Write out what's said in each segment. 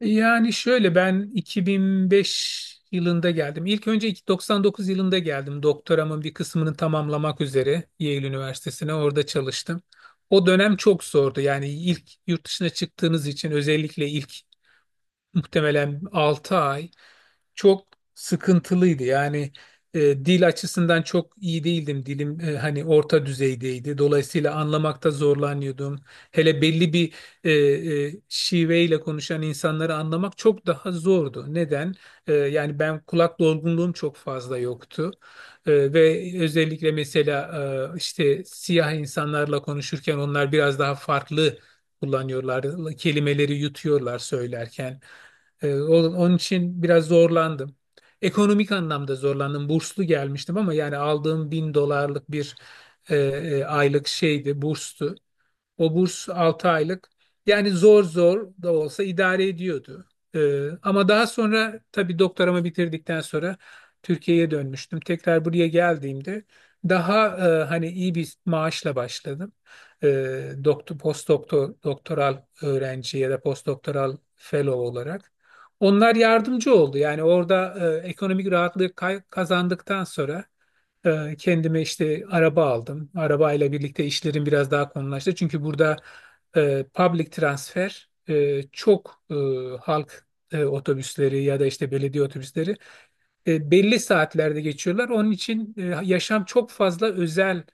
Yani şöyle ben 2005 yılında geldim. İlk önce 99 yılında geldim. Doktoramın bir kısmını tamamlamak üzere Yale Üniversitesi'ne orada çalıştım. O dönem çok zordu. Yani ilk yurt dışına çıktığınız için özellikle ilk muhtemelen 6 ay çok sıkıntılıydı. Yani dil açısından çok iyi değildim. Dilim hani orta düzeydeydi. Dolayısıyla anlamakta zorlanıyordum. Hele belli bir e, şiveyle konuşan insanları anlamak çok daha zordu. Neden? Yani ben kulak dolgunluğum çok fazla yoktu. Ve özellikle mesela işte siyah insanlarla konuşurken onlar biraz daha farklı kullanıyorlar. Kelimeleri yutuyorlar söylerken. Onun için biraz zorlandım. Ekonomik anlamda zorlandım. Burslu gelmiştim ama yani aldığım 1.000 dolarlık bir aylık şeydi, burstu. O burs 6 aylık. Yani zor zor da olsa idare ediyordu. Ama daha sonra tabii doktoramı bitirdikten sonra Türkiye'ye dönmüştüm. Tekrar buraya geldiğimde daha hani iyi bir maaşla başladım. Doktor, post doktor, doktoral öğrenci ya da post doktoral fellow olarak. Onlar yardımcı oldu. Yani orada ekonomik rahatlığı kazandıktan sonra kendime işte araba aldım. Arabayla birlikte işlerim biraz daha konulaştı. Çünkü burada public transfer çok halk otobüsleri ya da işte belediye otobüsleri belli saatlerde geçiyorlar. Onun için yaşam çok fazla özel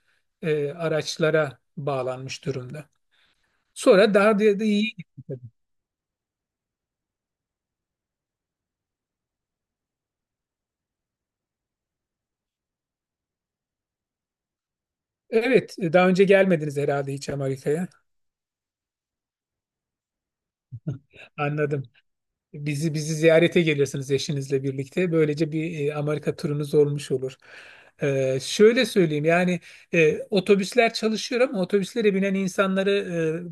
araçlara bağlanmış durumda. Sonra daha da iyi gitti tabii. Evet, daha önce gelmediniz herhalde hiç Amerika'ya. Anladım. Bizi ziyarete gelirsiniz eşinizle birlikte. Böylece bir Amerika turunuz olmuş olur. Şöyle söyleyeyim yani otobüsler çalışıyor ama otobüslere binen insanları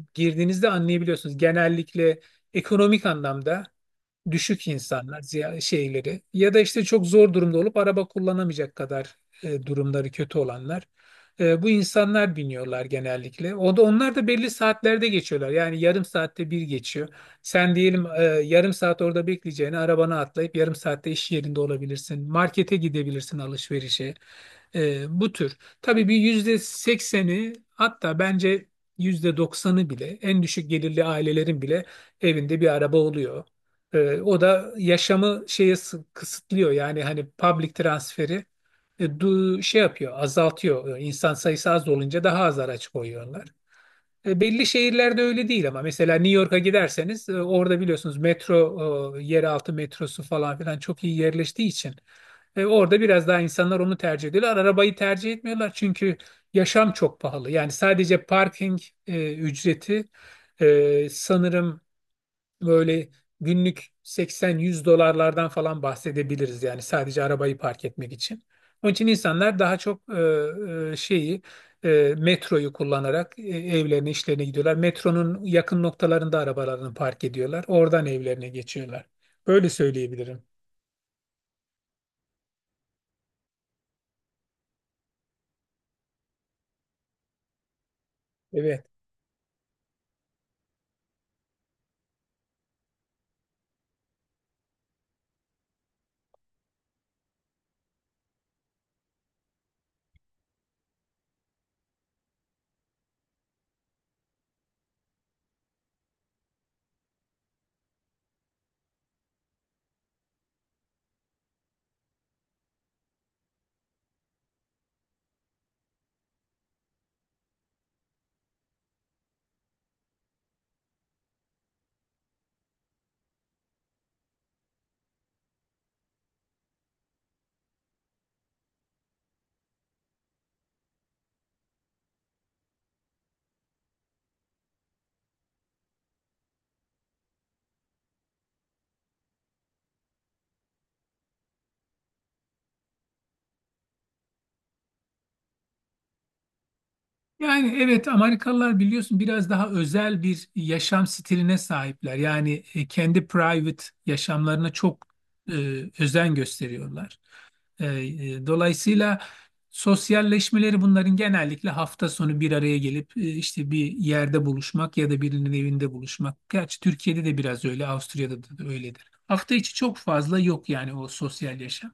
girdiğinizde anlayabiliyorsunuz. Genellikle ekonomik anlamda düşük insanlar şeyleri ya da işte çok zor durumda olup araba kullanamayacak kadar durumları kötü olanlar. Bu insanlar biniyorlar genellikle. O da onlar da belli saatlerde geçiyorlar. Yani yarım saatte bir geçiyor. Sen diyelim yarım saat orada bekleyeceğine arabana atlayıp yarım saatte iş yerinde olabilirsin. Markete gidebilirsin alışverişe. Bu tür. Tabii bir %80'i hatta bence %90'ı bile en düşük gelirli ailelerin bile evinde bir araba oluyor. O da yaşamı kısıtlıyor. Yani hani public transferi şey yapıyor, azaltıyor. İnsan sayısı az olunca daha az araç koyuyorlar. Belli şehirlerde öyle değil ama mesela New York'a giderseniz orada biliyorsunuz metro, yeraltı metrosu falan filan çok iyi yerleştiği için orada biraz daha insanlar onu tercih ediyorlar. Arabayı tercih etmiyorlar çünkü yaşam çok pahalı. Yani sadece parking ücreti sanırım böyle günlük 80-100 dolarlardan falan bahsedebiliriz yani sadece arabayı park etmek için. Onun için insanlar daha çok şeyi metroyu kullanarak evlerine işlerine gidiyorlar. Metronun yakın noktalarında arabalarını park ediyorlar. Oradan evlerine geçiyorlar. Böyle söyleyebilirim. Evet. Yani evet Amerikalılar biliyorsun biraz daha özel bir yaşam stiline sahipler. Yani kendi private yaşamlarına çok e, özen gösteriyorlar. E, dolayısıyla sosyalleşmeleri bunların genellikle hafta sonu bir araya gelip işte bir yerde buluşmak ya da birinin evinde buluşmak. Gerçi Türkiye'de de biraz öyle, Avusturya'da da öyledir. Hafta içi çok fazla yok yani o sosyal yaşam.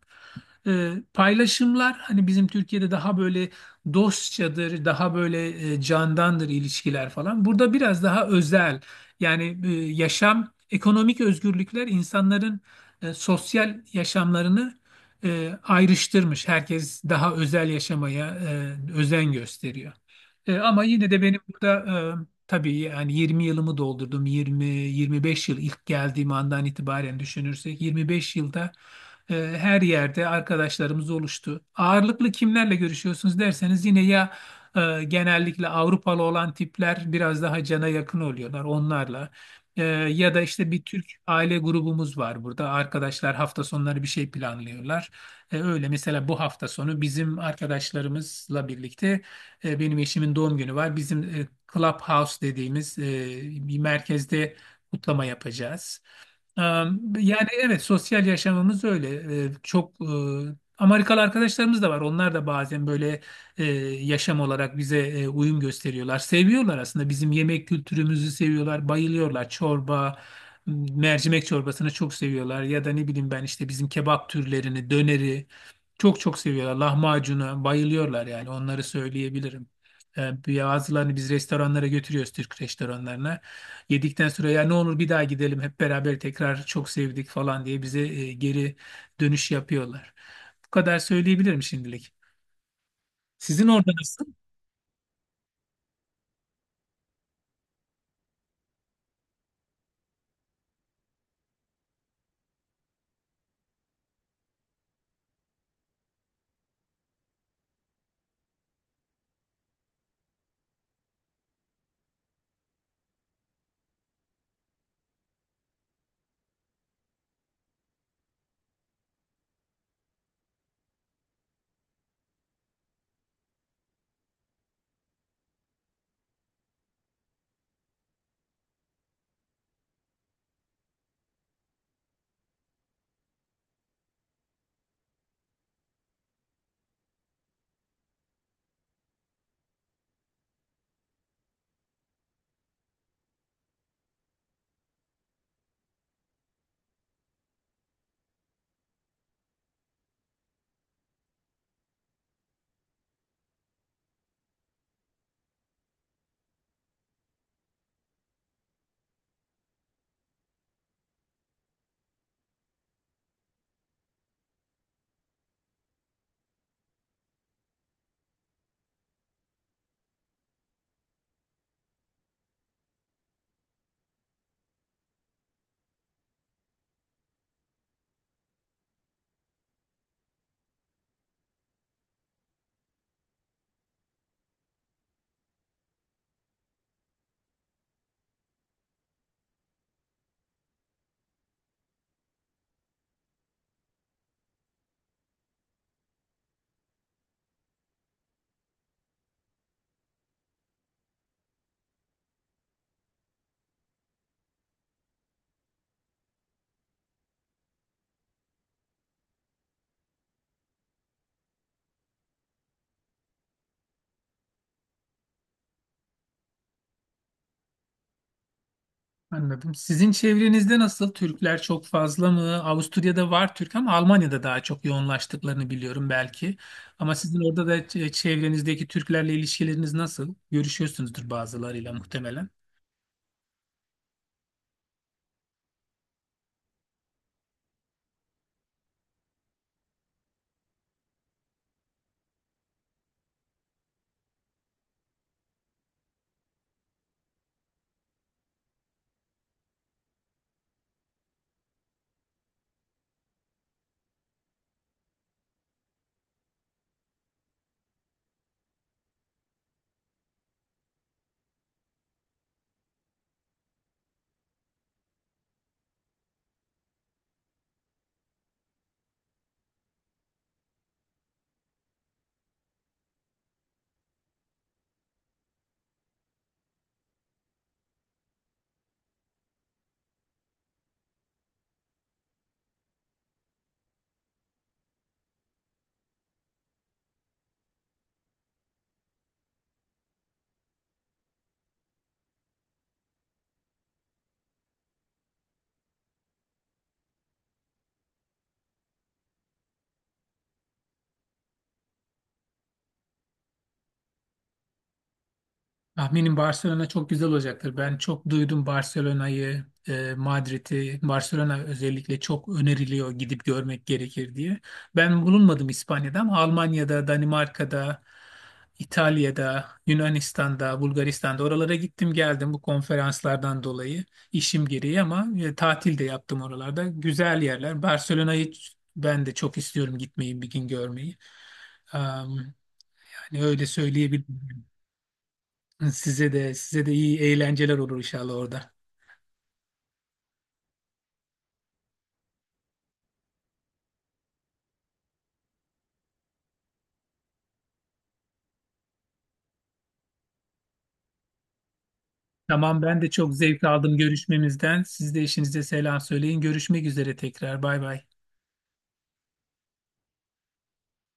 Paylaşımlar hani bizim Türkiye'de daha böyle dostçadır, daha böyle candandır ilişkiler falan. Burada biraz daha özel yani yaşam, ekonomik özgürlükler insanların sosyal yaşamlarını ayrıştırmış. Herkes daha özel yaşamaya özen gösteriyor. Ama yine de benim burada tabii yani 20 yılımı doldurdum. 20-25 yıl ilk geldiğim andan itibaren düşünürsek 25 yılda her yerde arkadaşlarımız oluştu. Ağırlıklı kimlerle görüşüyorsunuz derseniz yine ya genellikle Avrupalı olan tipler biraz daha cana yakın oluyorlar onlarla. Ya da işte bir Türk aile grubumuz var burada. Arkadaşlar hafta sonları bir şey planlıyorlar. Öyle mesela bu hafta sonu bizim arkadaşlarımızla birlikte benim eşimin doğum günü var. Bizim Clubhouse dediğimiz bir merkezde kutlama yapacağız. Ee, Yani evet sosyal yaşamımız öyle. Çok Amerikalı arkadaşlarımız da var. Onlar da bazen böyle e, yaşam olarak bize uyum gösteriyorlar. Seviyorlar aslında bizim yemek kültürümüzü seviyorlar, bayılıyorlar. Çorba, mercimek çorbasını çok seviyorlar. Ya da ne bileyim ben işte bizim kebap türlerini, döneri çok çok seviyorlar. Lahmacunu bayılıyorlar yani onları söyleyebilirim. Ee, Bazılarını biz restoranlara götürüyoruz Türk restoranlarına. Yedikten sonra ya ne olur bir daha gidelim hep beraber tekrar çok sevdik falan diye bize geri dönüş yapıyorlar. Bu kadar söyleyebilirim şimdilik. Sizin orada nasıl? Anladım. Sizin çevrenizde nasıl? Türkler çok fazla mı? Avusturya'da var Türk ama Almanya'da daha çok yoğunlaştıklarını biliyorum belki. Ama sizin orada da çevrenizdeki Türklerle ilişkileriniz nasıl? Görüşüyorsunuzdur bazılarıyla muhtemelen. Tahminim Barcelona çok güzel olacaktır. Ben çok duydum Barcelona'yı, Madrid'i. Barcelona özellikle çok öneriliyor gidip görmek gerekir diye. Ben bulunmadım İspanya'da ama Almanya'da, Danimarka'da, İtalya'da, Yunanistan'da, Bulgaristan'da oralara gittim geldim bu konferanslardan dolayı işim gereği ama tatil de yaptım oralarda. Güzel yerler. Barcelona'yı ben de çok istiyorum gitmeyi bir gün görmeyi. Am, yani öyle söyleyebilirim. Size de iyi eğlenceler olur inşallah orada. Tamam ben de çok zevk aldım görüşmemizden. Siz de eşinize selam söyleyin. Görüşmek üzere tekrar. Bay bay.